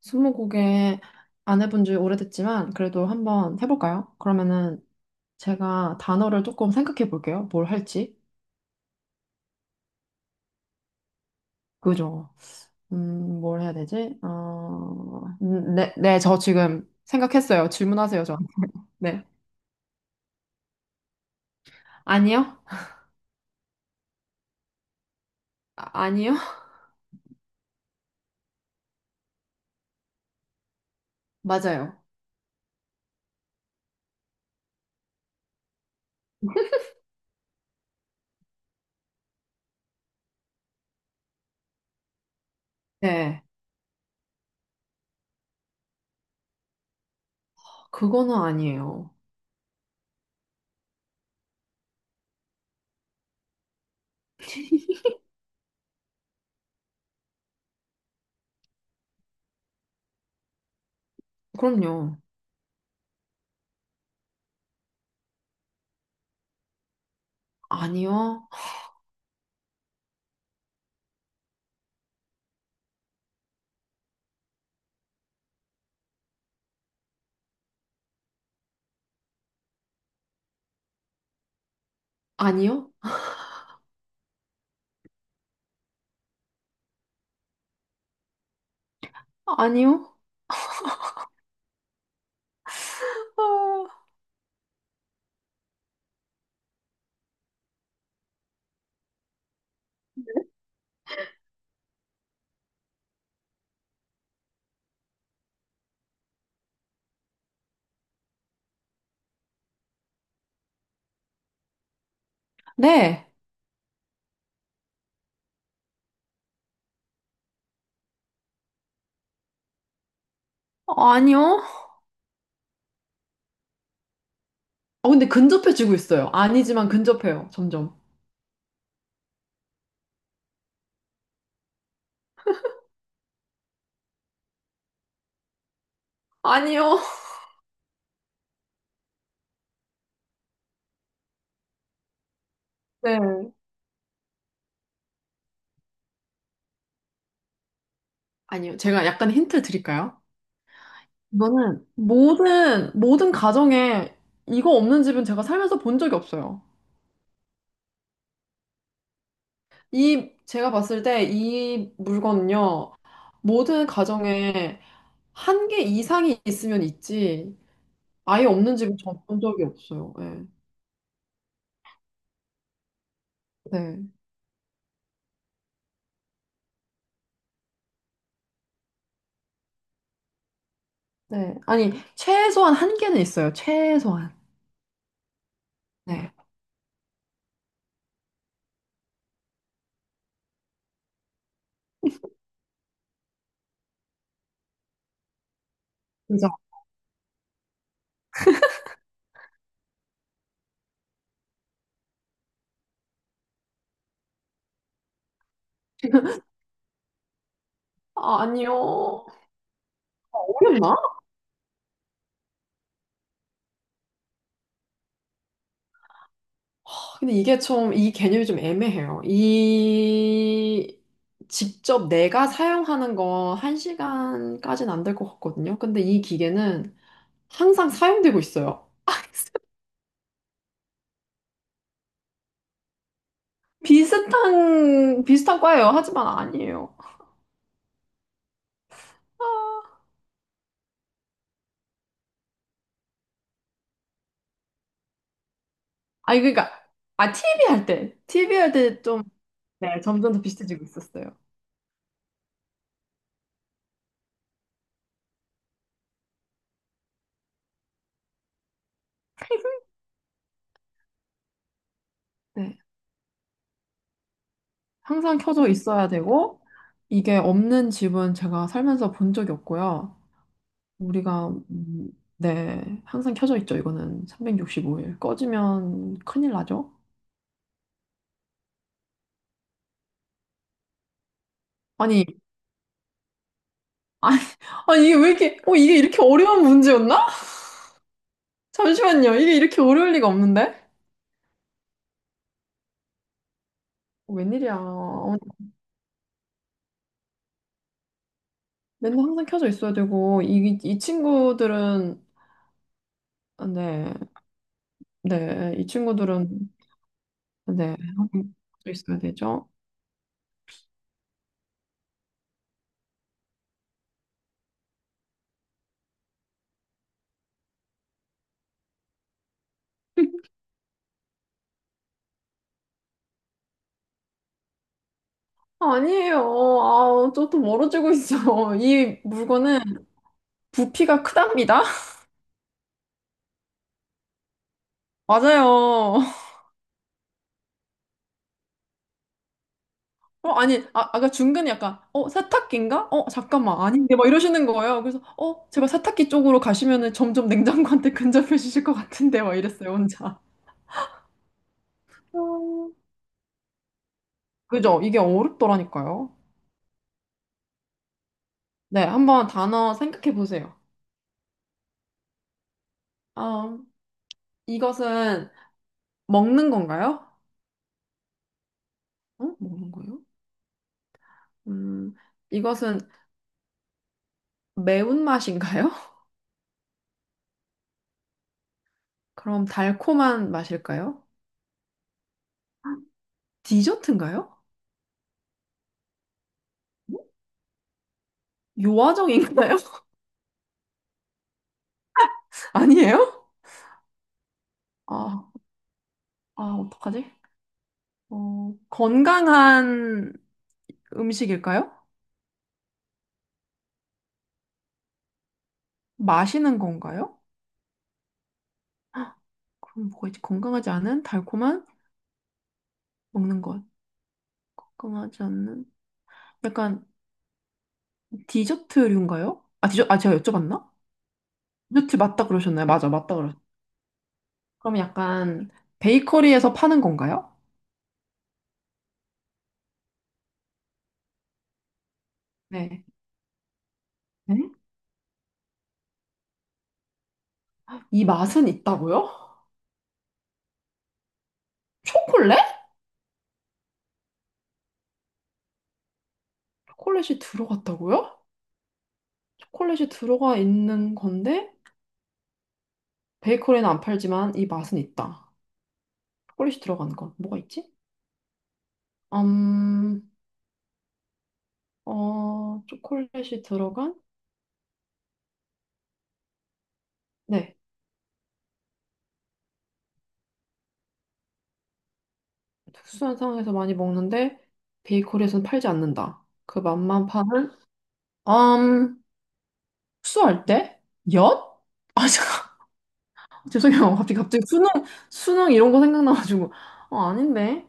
스무고개 안 해본 지 오래됐지만 그래도 한번 해볼까요? 그러면은 제가 단어를 조금 생각해 볼게요. 뭘 할지. 그죠? 뭘 해야 되지? 네, 네, 저 지금 생각했어요. 질문하세요, 저. 네. 아니요? 아, 아니요? 맞아요. 네. 그거는 아니에요. 그럼요. 아니요? 아니요? 아니요? 어, 네. 어, 아니요? 어, 근데 근접해지고 있어요. 아니지만 근접해요, 점점. 아니요. 네. 아니요. 제가 약간 힌트 드릴까요? 이거는 모든 가정에 이거 없는 집은 제가 살면서 본 적이 없어요. 이, 제가 봤을 때 이 물건은요. 모든 가정에 한 개 이상이 있으면 있지, 아예 없는 집은 전 본 적이 없어요. 네. 네. 네. 아니, 최소한 한 개는 있어요. 최소한. 네. 그죠? 아, 아니요. 어렵나? 근데 이게 좀, 이 개념이 좀 애매해요. 이, 직접 내가 사용하는 건 1시간까지는 안 될 것 같거든요. 근데 이 기계는 항상 사용되고 있어요. 비슷한 과예요. 하지만 아니에요. 아, 아니, 그러니까, 아, TV 할 때. TV 할 때 좀, 네, 점점 더 비슷해지고 있었어요. 네, 항상 켜져 있어야 되고, 이게 없는 집은 제가 살면서 본 적이 없고요. 우리가 네, 항상 켜져 있죠. 이거는 365일 꺼지면 큰일 나죠. 아니 아 아니, 이게 왜 이렇게 이게 이렇게 어려운 문제였나? 잠시만요. 이게 이렇게 어려울 리가 없는데? 어, 웬일이야. 맨날 항상 켜져 있어야 되고 이 친구들은 네, 네, 이 친구들은 네, 항상 켜져 있어야 되죠. 아니에요. 아, 저또 멀어지고 있어. 이 물건은 부피가 크답니다. 맞아요. 어, 아니, 아, 아까 중간에 약간, 어, 세탁기인가? 어, 잠깐만, 아닌데, 막 이러시는 거예요. 그래서, 어, 제발 세탁기 쪽으로 가시면은 점점 냉장고한테 근접해주실 것 같은데, 막 이랬어요, 혼자. 음. 그죠? 이게 어렵더라니까요. 네, 한번 단어 생각해 보세요. 아, 이것은 먹는 건가요? 어? 먹는 거예요? 음, 이것은 매운맛인가요? 그럼 달콤한 맛일까요? 디저트인가요? 어? 요아정인가요? 아니에요? 아, 아, 어떡하지? 어, 건강한 음식일까요? 마시는 건가요? 그럼 뭐가 있지? 건강하지 않은 달콤한 먹는 것. 건강하지 않는 약간 디저트류인가요? 아, 제가 여쭤봤나? 디저트 맞다 그러셨나요? 맞아, 맞다 그러셨어요. 그럼 약간 베이커리에서 파는 건가요? 네. 네? 이 맛은 있다고요? 초콜릿? 초콜릿이 들어갔다고요? 초콜릿이 들어가 있는 건데 베이커리는 안 팔지만 이 맛은 있다. 초콜릿이 들어가는 건 뭐가 있지? 음, 초콜릿이 들어간? 네. 특수한 상황에서 많이 먹는데 베이커리에서는 팔지 않는다. 그 맛만 파는? 음, 수할 때? 엿? 아, 잠깐. 죄송해요. 갑자기 수능 이런 거 생각나가지고. 어, 아닌데.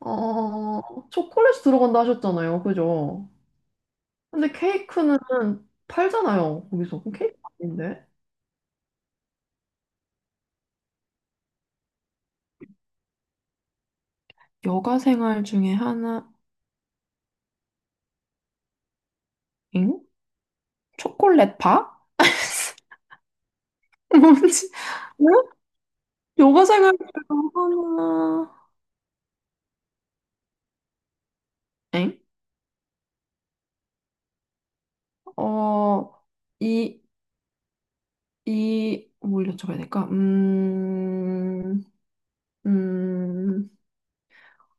어, 초콜릿이 들어간다 하셨잖아요. 그죠? 근데 케이크는 팔잖아요. 거기서. 그럼 케이크 아닌데? 여가 생활 중에 하나, 잉? 초콜릿 파? 뭔지. 요가 생활 하나, 엥? 어, 이, 뭘 여쭤봐야 될까? 음,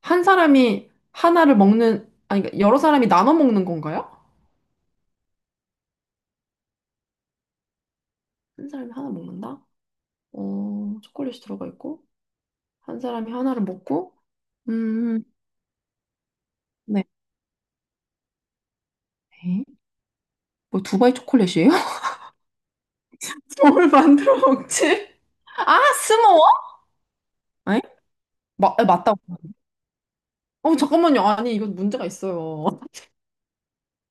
한 사람이 하나를 먹는, 아니, 그러니까 여러 사람이 나눠 먹는 건가요? 한 사람이 하나 먹는다? 어, 초콜릿이 들어가 있고, 한 사람이 하나를 먹고, 음, 네. 에? 뭐 두바이 초콜릿이에요? 뭘 만들어 먹지? 아, 스모어? 에? 맞다. 어, 잠깐만요. 아니, 이거 문제가 있어요.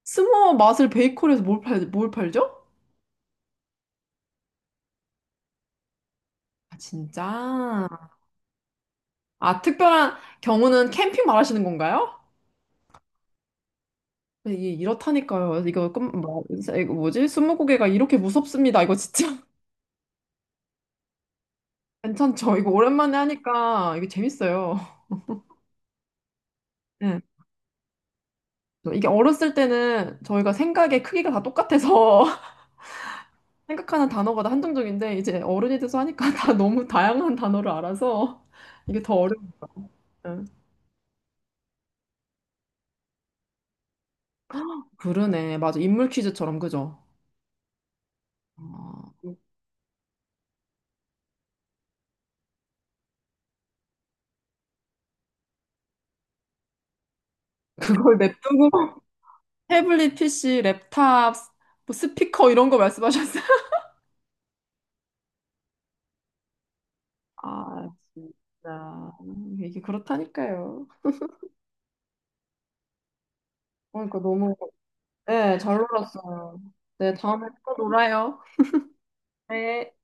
스모어 맛을 베이커리에서 뭘 팔죠? 아, 진짜. 아, 특별한 경우는 캠핑 말하시는 건가요? 네, 이게 이렇다니까요. 이거, 뭐, 이거 뭐지? 스무고개가 이렇게 무섭습니다. 이거 진짜 괜찮죠? 이거 오랜만에 하니까 이게 재밌어요. 네. 이게 어렸을 때는 저희가 생각의 크기가 다 똑같아서 생각하는 단어가 다 한정적인데 이제 어른이 돼서 하니까 다 너무 다양한 단어를 알아서 이게 더 어려워요. 그러네. 맞아. 인물 퀴즈처럼, 그죠? 어. 그걸 냅두고 태블릿 PC, 랩탑, 뭐 스피커 이런 거 말씀하셨어요? 아, 진짜. 이게 그렇다니까요. 그러니까 너무, 네, 잘 놀았어요. 네, 다음에 또 놀아요. 네.